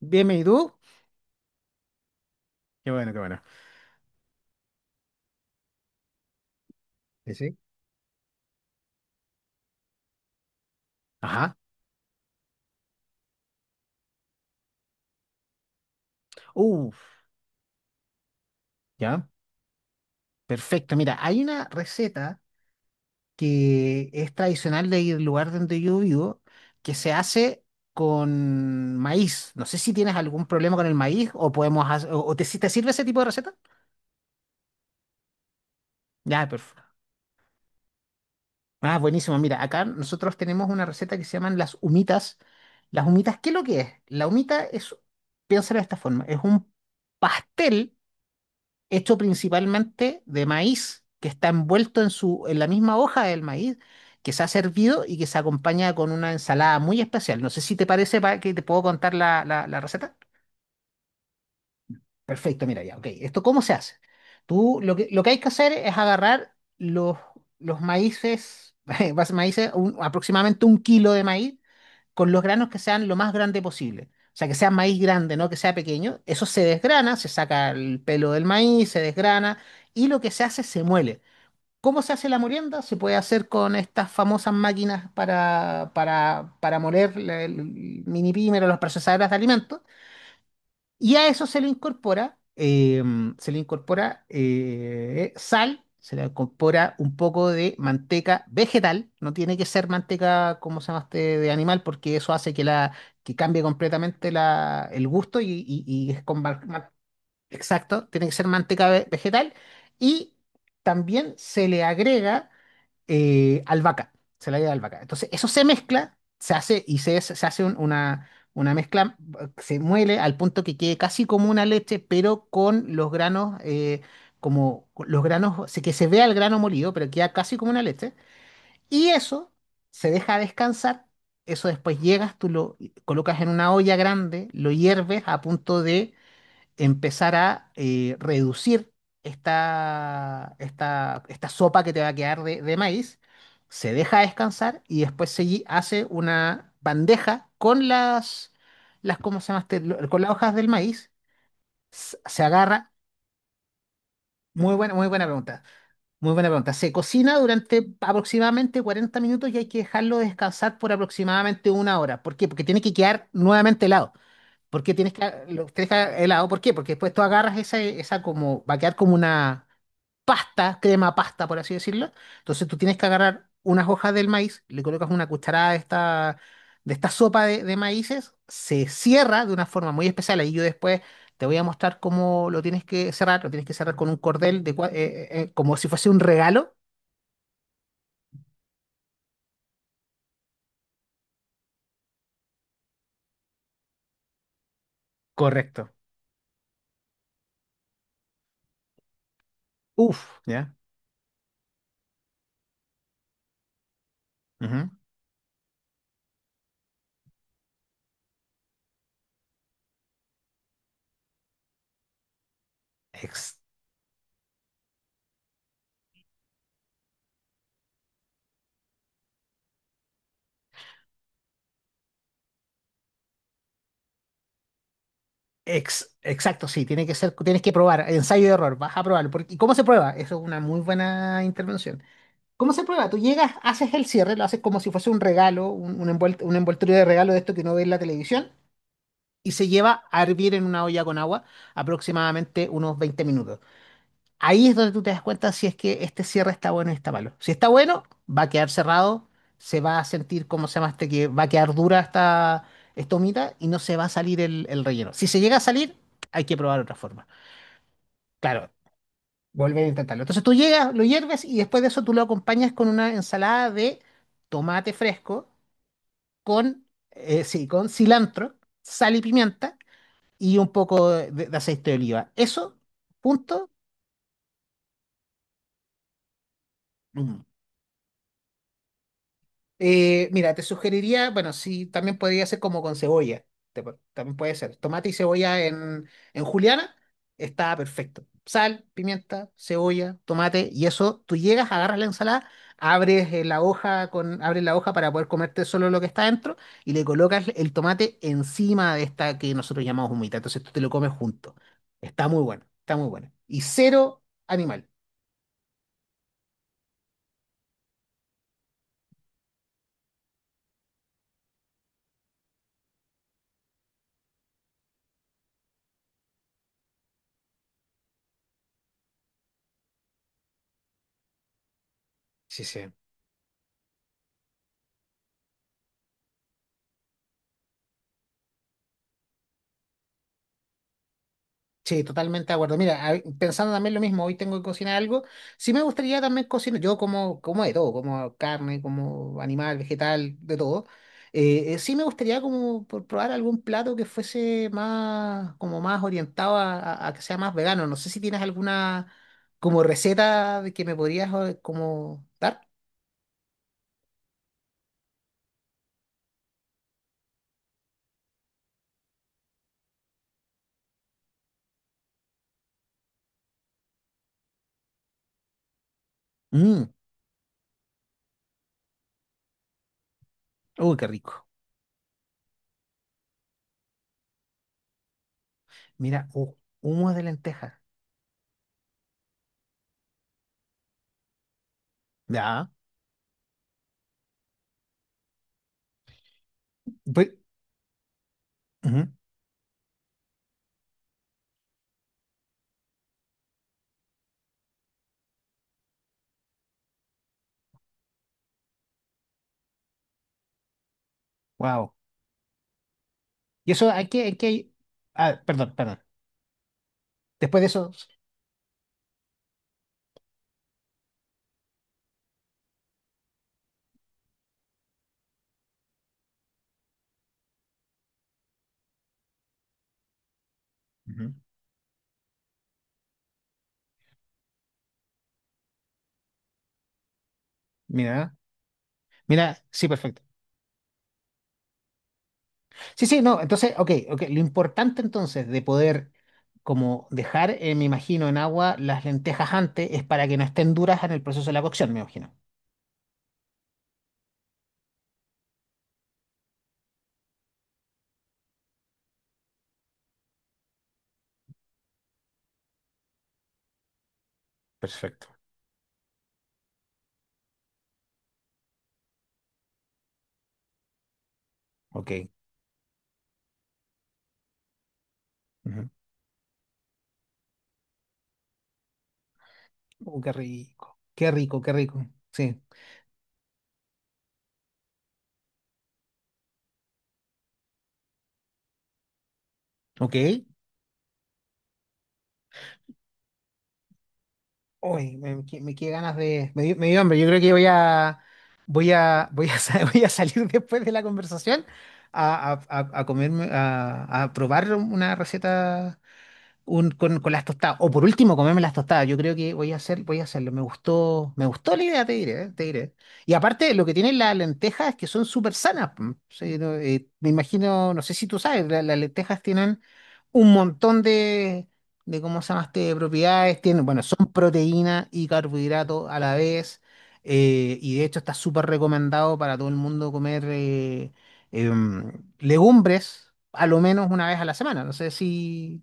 Bien, ¿y tú? Qué bueno, qué bueno. Sí, sí. Ajá. Uf, ya. Perfecto. Mira, hay una receta que es tradicional del lugar donde yo vivo que se hace con maíz. No sé si tienes algún problema con el maíz o podemos hacer, o si te sirve ese tipo de receta. Ya, perfecto. Ah, buenísimo. Mira, acá nosotros tenemos una receta que se llaman las humitas. Las humitas, ¿qué es lo que es? La humita es, piénsalo de esta forma, es un pastel, hecho principalmente de maíz, que está envuelto en la misma hoja del maíz, que se ha servido y que se acompaña con una ensalada muy especial. No sé si te parece para que te puedo contar la receta. Perfecto, mira ya, ok. ¿Esto cómo se hace? Tú lo que hay que hacer es agarrar los maíces, maíces, aproximadamente un kilo de maíz, con los granos que sean lo más grande posible. O sea, que sea maíz grande, no que sea pequeño. Eso se desgrana, se saca el pelo del maíz, se desgrana y lo que se hace se muele. ¿Cómo se hace la molienda? Se puede hacer con estas famosas máquinas para, moler el mini primer o las procesadoras de alimentos. Y a eso se le incorpora sal, se le incorpora un poco de manteca vegetal, no tiene que ser manteca, como se llama este, de animal, porque eso hace que cambie completamente el gusto y es con. Exacto, tiene que ser manteca vegetal y también se le agrega albahaca, se la lleva albahaca. Entonces, eso se mezcla, se hace y se hace una mezcla, se muele al punto que quede casi como una leche, pero con los granos, como con los granos, o que se vea el grano molido, pero queda casi como una leche. Y eso se deja descansar. Eso después llegas, tú lo colocas en una olla grande, lo hierves a punto de empezar a reducir esta sopa que te va a quedar de maíz, se deja descansar y después se hace una bandeja con las ¿cómo se llama este? Con las hojas del maíz, se agarra, muy buena pregunta, muy buena pregunta. Se cocina durante aproximadamente 40 minutos y hay que dejarlo descansar por aproximadamente una hora. ¿Por qué? Porque tiene que quedar nuevamente helado. ¿Por qué lo tienes que helado? ¿Por qué? Porque después tú agarras esa como, va a quedar como una pasta, crema pasta, por así decirlo. Entonces tú tienes que agarrar unas hojas del maíz, le colocas una cucharada de esta sopa de maíces, se cierra de una forma muy especial. Ahí yo después te voy a mostrar cómo lo tienes que cerrar. Lo tienes que cerrar con un cordel, como si fuese un regalo. Correcto. Uf, ya. Ujú. Ex- exacto, sí, tienes que probar, ensayo y error, vas a probar. Porque, ¿y cómo se prueba? Eso es una muy buena intervención. ¿Cómo se prueba? Tú llegas, haces el cierre, lo haces como si fuese un regalo, un envoltorio de regalo de esto que uno ve en la televisión, y se lleva a hervir en una olla con agua aproximadamente unos 20 minutos. Ahí es donde tú te das cuenta si es que este cierre está bueno y está malo. Si está bueno, va a quedar cerrado, se va a sentir, ¿cómo se llama este? Que va a quedar dura esta humita y no se va a salir el relleno. Si se llega a salir, hay que probar otra forma. Claro, volver a intentarlo. Entonces tú llegas, lo hierves y después de eso tú lo acompañas con una ensalada de tomate fresco, con, sí, con cilantro, sal y pimienta y un poco de aceite de oliva. Eso, punto. Mira, te sugeriría, bueno, sí, también podría ser como con cebolla. También puede ser. Tomate y cebolla en juliana está perfecto. Sal, pimienta, cebolla, tomate y eso, tú llegas, agarras la ensalada, abres la hoja para poder comerte solo lo que está dentro y le colocas el tomate encima de esta que nosotros llamamos humita. Entonces tú te lo comes junto. Está muy bueno, está muy bueno. Y cero animal. Sí, sí. Sí, totalmente de acuerdo. Mira, pensando también lo mismo, hoy tengo que cocinar algo. Sí me gustaría también cocinar, yo como, como de todo, como carne, como animal, vegetal, de todo. Sí me gustaría como por probar algún plato que fuese más, como más orientado a que sea más vegano. No sé si tienes alguna como receta de que me podrías como dar. Mm, uy, qué rico. Mira, humo de lenteja. Ya. Wow. Y eso. Ah, perdón, perdón. Después de eso, Ujú. mira, mira, sí, perfecto. Sí, sí, no, entonces, ok, ok. Lo importante entonces de poder como dejar, me imagino, en agua las lentejas antes es para que no estén duras en el proceso de la cocción, me imagino. Perfecto. Ok. Ujú. Qué rico, qué rico, qué rico. Sí, ok. Uy, me quedé ganas de. Me dio hambre. Yo creo que voy a. Voy a salir después de la conversación a comerme, a probar una receta con las tostadas. O por último, comerme las tostadas. Yo creo que voy a hacer, voy a hacerlo. Me gustó la idea, te diré. Y aparte, lo que tienen las lentejas es que son súper sanas. Mm. Sí, no, me imagino, no sé si tú sabes, las lentejas tienen un montón de ¿cómo se llama este? Propiedades. Tienen, bueno, son proteína y carbohidrato a la vez. Y de hecho está súper recomendado para todo el mundo comer em, legumbres a lo menos una vez a la semana. No sé si...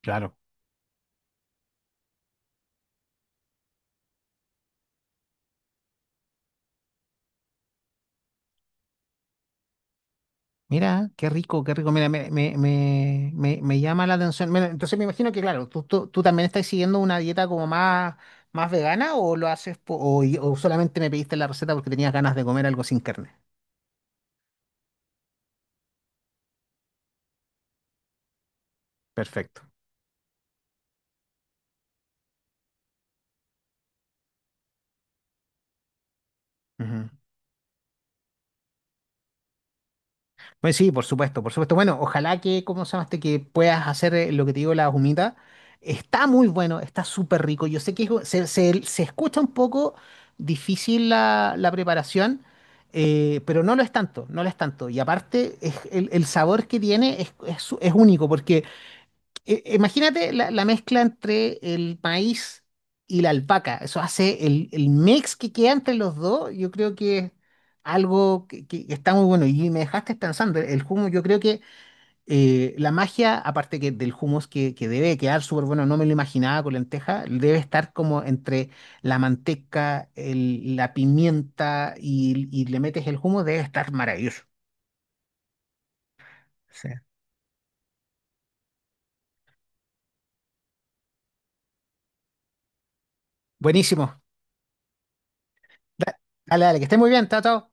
Claro. Mira, qué rico, qué rico. Mira, me llama la atención. Mira, entonces me imagino que, claro, tú también estás siguiendo una dieta como más, vegana o lo haces o solamente me pediste la receta porque tenías ganas de comer algo sin carne. Perfecto. Ujú. Pues sí, por supuesto, por supuesto. Bueno, ojalá que, ¿cómo se llama este? Que puedas hacer lo que te digo, la humita. Está muy bueno, está súper rico. Yo sé que se escucha un poco difícil la preparación, pero no lo es tanto, no lo es tanto. Y aparte, el sabor que tiene es único, porque imagínate la mezcla entre el maíz y la alpaca. Eso hace el mix que queda entre los dos. Yo creo que es algo que está muy bueno. Y me dejaste pensando, el hummus, yo creo que la magia, aparte que del hummus que debe quedar súper bueno, no me lo imaginaba con lenteja, debe estar como entre la manteca, la pimienta y le metes el hummus, debe estar maravilloso. Sí. Buenísimo. Da- Dale, dale, que esté muy bien, chao, chao.